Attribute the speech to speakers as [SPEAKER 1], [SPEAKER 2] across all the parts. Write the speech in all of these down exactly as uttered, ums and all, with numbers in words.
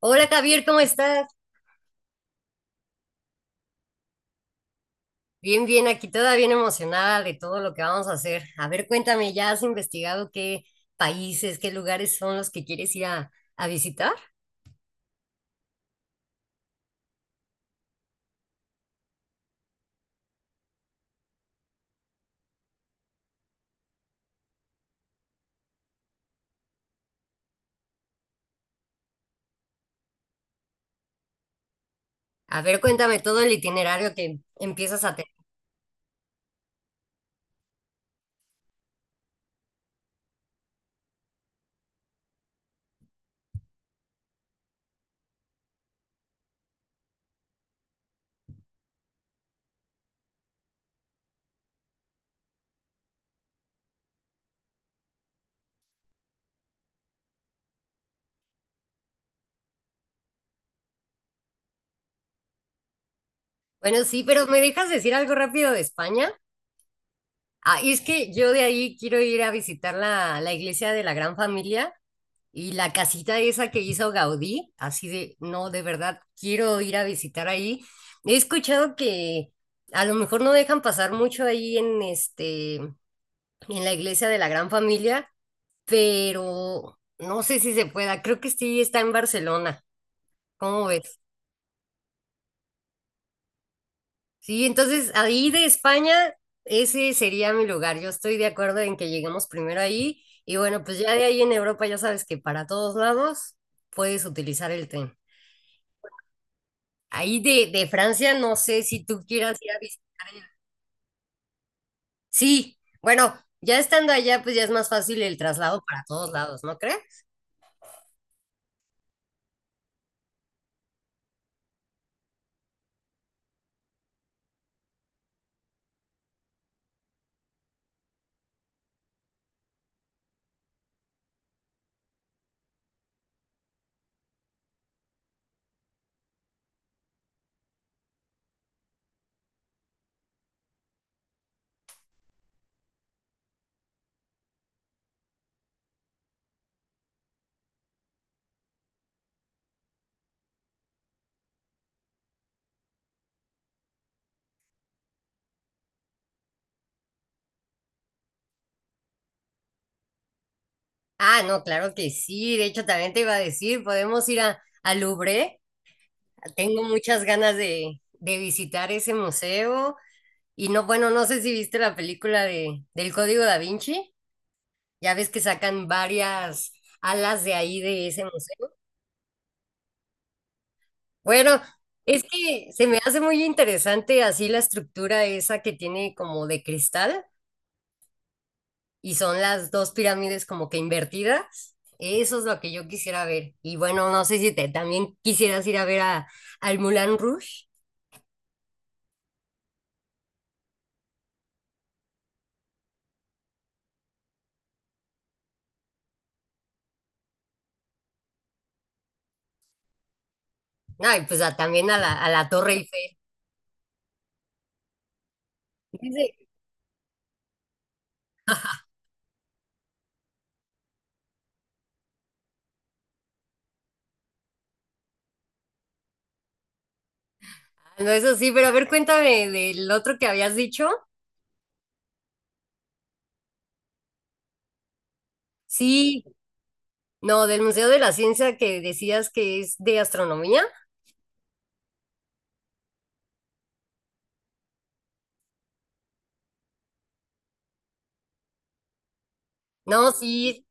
[SPEAKER 1] Hola Javier, ¿cómo estás? Bien, bien, aquí toda bien emocionada de todo lo que vamos a hacer. A ver, cuéntame, ¿ya has investigado qué países, qué lugares son los que quieres ir a, a visitar? A ver, cuéntame todo el itinerario que empiezas a tener. Bueno, sí, pero ¿me dejas decir algo rápido de España? Ah, y es que yo de ahí quiero ir a visitar la, la iglesia de la Gran Familia y la casita esa que hizo Gaudí, así de, no, de verdad, quiero ir a visitar ahí. He escuchado que a lo mejor no dejan pasar mucho ahí en este, en la iglesia de la Gran Familia, pero no sé si se pueda. Creo que sí está en Barcelona. ¿Cómo ves? Sí, entonces ahí de España, ese sería mi lugar. Yo estoy de acuerdo en que lleguemos primero ahí. Y bueno, pues ya de ahí en Europa, ya sabes que para todos lados puedes utilizar el tren. Ahí de, de Francia, no sé si tú quieras ir a visitar. el- Sí, bueno, ya estando allá, pues ya es más fácil el traslado para todos lados, ¿no crees? Ah, no, claro que sí. De hecho, también te iba a decir, podemos ir a, al Louvre. Tengo muchas ganas de, de visitar ese museo. Y no, bueno, no sé si viste la película de, del Código Da Vinci. Ya ves que sacan varias alas de ahí de ese museo. Bueno, es que se me hace muy interesante así la estructura esa que tiene como de cristal y son las dos pirámides como que invertidas. Eso es lo que yo quisiera ver. Y bueno, no sé si te también quisieras ir a ver a, al Moulin Rouge. No, y pues a- también a la, a la Torre Eiffel. Dice, ah, no, eso sí, pero a ver, cuéntame del otro que habías dicho. Sí, no, del Museo de la Ciencia que decías que es de astronomía. No, sí.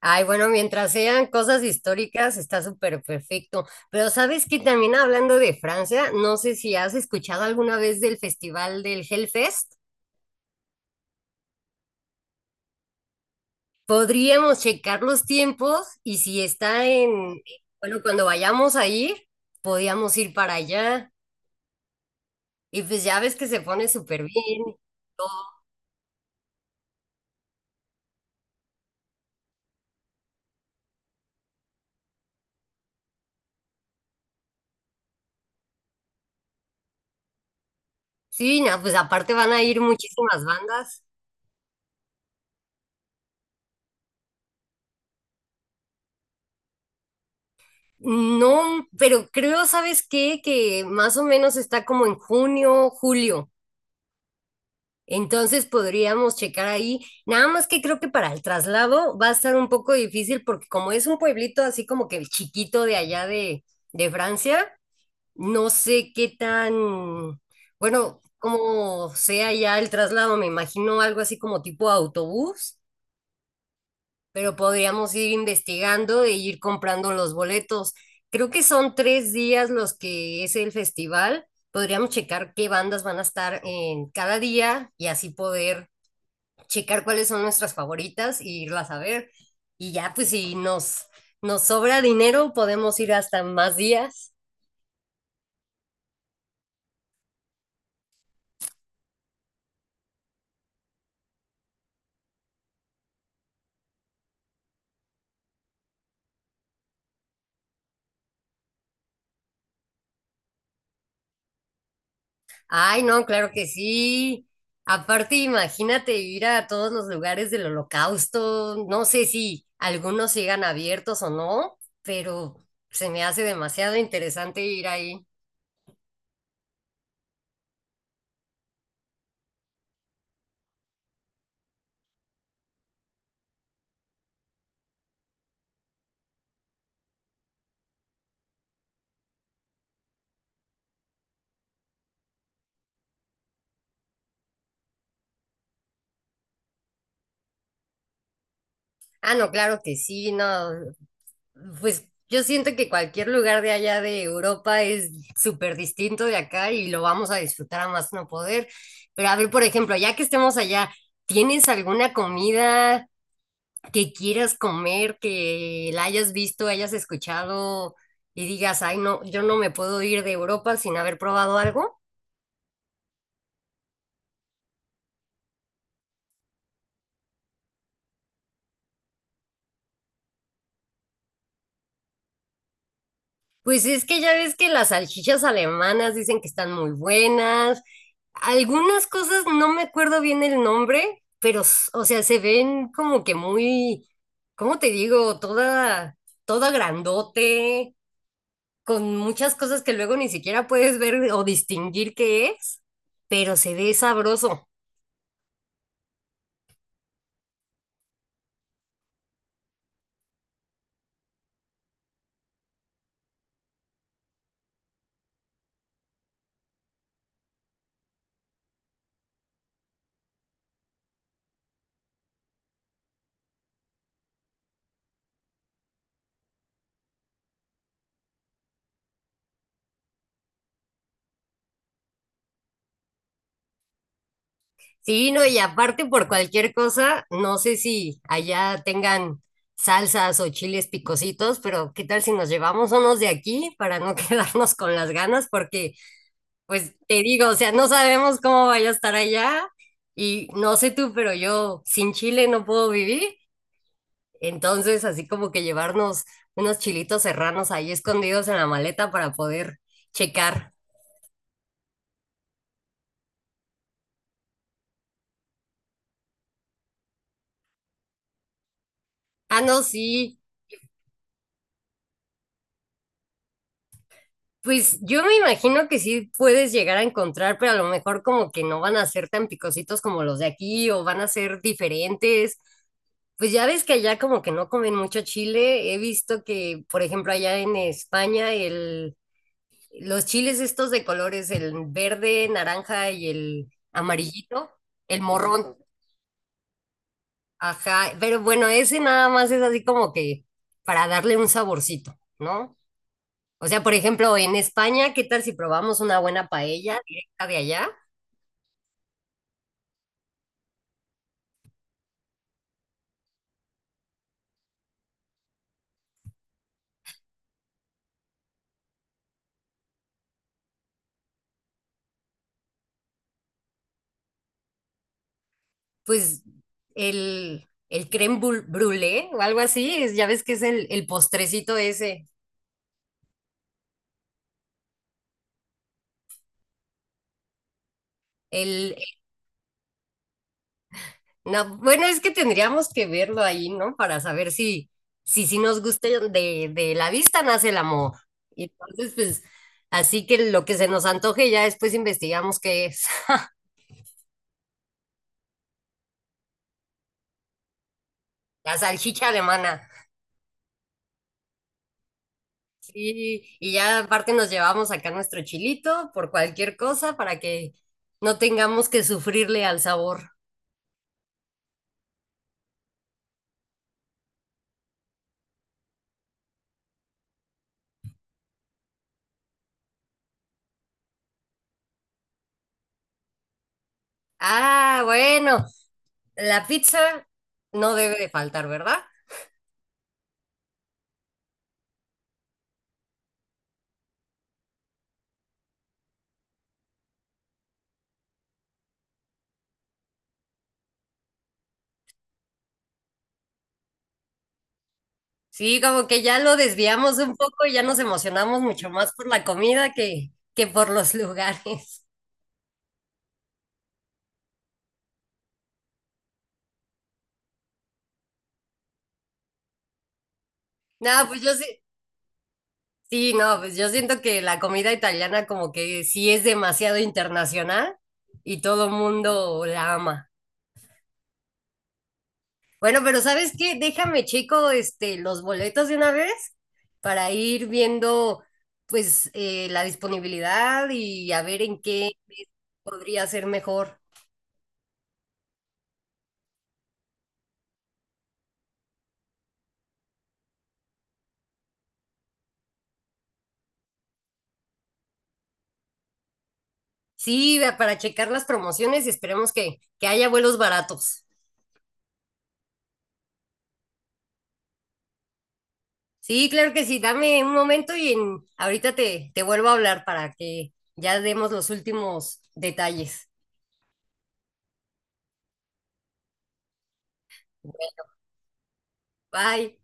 [SPEAKER 1] Ay, bueno, mientras sean cosas históricas, está súper perfecto. Pero sabes que también hablando de Francia, no sé si has escuchado alguna vez del festival del Hellfest. Podríamos checar los tiempos y si está en, bueno, cuando vayamos a ir, podíamos ir para allá. Y pues ya ves que se pone súper bien. Sí, no, pues aparte van a ir muchísimas bandas. No, pero creo, ¿sabes qué? Que más o menos está como en junio, julio. Entonces podríamos checar ahí, nada más que creo que para el traslado va a estar un poco difícil porque como es un pueblito así como que chiquito de allá de, de Francia, no sé qué tan, bueno, cómo sea ya el traslado, me imagino algo así como tipo autobús, pero podríamos ir investigando e ir comprando los boletos. Creo que son tres días los que es el festival. Podríamos checar qué bandas van a estar en cada día y así poder checar cuáles son nuestras favoritas e irlas a ver. Y ya, pues si nos, nos sobra dinero, podemos ir hasta más días. Ay, no, claro que sí. Aparte, imagínate ir a todos los lugares del holocausto. No sé si algunos sigan abiertos o no, pero se me hace demasiado interesante ir ahí. Ah, no, claro que sí, no, pues yo siento que cualquier lugar de allá de Europa es súper distinto de acá y lo vamos a disfrutar a más no poder. Pero a ver, por ejemplo, ya que estemos allá, ¿tienes alguna comida que quieras comer, que la hayas visto, hayas escuchado y digas, ay, no, yo no me puedo ir de Europa sin haber probado algo? Pues es que ya ves que las salchichas alemanas dicen que están muy buenas. Algunas cosas no me acuerdo bien el nombre, pero, s- o sea, se ven como que muy, ¿cómo te digo? Toda, toda grandote, con muchas cosas que luego ni siquiera puedes ver o distinguir qué es, pero se ve sabroso. Sí, no, y aparte por cualquier cosa, no sé si allá tengan salsas o chiles picositos, pero ¿qué tal si nos llevamos unos de aquí para no quedarnos con las ganas? Porque pues te digo, o sea, no sabemos cómo vaya a estar allá y no sé tú, pero yo sin chile no puedo vivir. Entonces, así como que llevarnos unos chilitos serranos ahí escondidos en la maleta para poder checar. Ah, no, sí. Pues yo me imagino que sí puedes llegar a encontrar, pero a lo mejor como que no van a ser tan picositos como los de aquí o van a ser diferentes. Pues ya ves que allá como que no comen mucho chile. He visto que, por ejemplo, allá en España el los chiles estos de colores, el verde, naranja y el amarillito, el morrón, ajá, pero bueno, ese nada más es así como que para darle un saborcito, ¿no? O sea, por ejemplo, en España, ¿qué tal si probamos una buena paella directa de allá? Pues el, el crème brû- brûlée o algo así, es- ya ves que es el, el postrecito ese, el, no, bueno, es que tendríamos que verlo ahí, ¿no? Para saber si, si, si nos gusta de, de la vista nace el amor. Y entonces, pues, así que lo que se nos antoje ya después investigamos qué es. La salchicha alemana. Sí, y ya aparte nos llevamos acá nuestro chilito por cualquier cosa para que no tengamos que sufrirle al sabor. Ah, bueno, la pizza no debe de faltar, ¿verdad? Sí, como que ya lo desviamos un poco y ya nos emocionamos mucho más por la comida que, que por los lugares. No, pues yo sí, sí, no, pues yo siento que la comida italiana como que sí es demasiado internacional y todo mundo la ama. Bueno, pero ¿sabes qué? Déjame checo este, los boletos de una vez para ir viendo pues eh, la disponibilidad y a ver en qué podría ser mejor. Sí, vea, para checar las promociones y esperemos que, que haya vuelos baratos. Sí, claro que sí, dame un momento y en- ahorita te, te vuelvo a hablar para que ya demos los últimos detalles. Bye.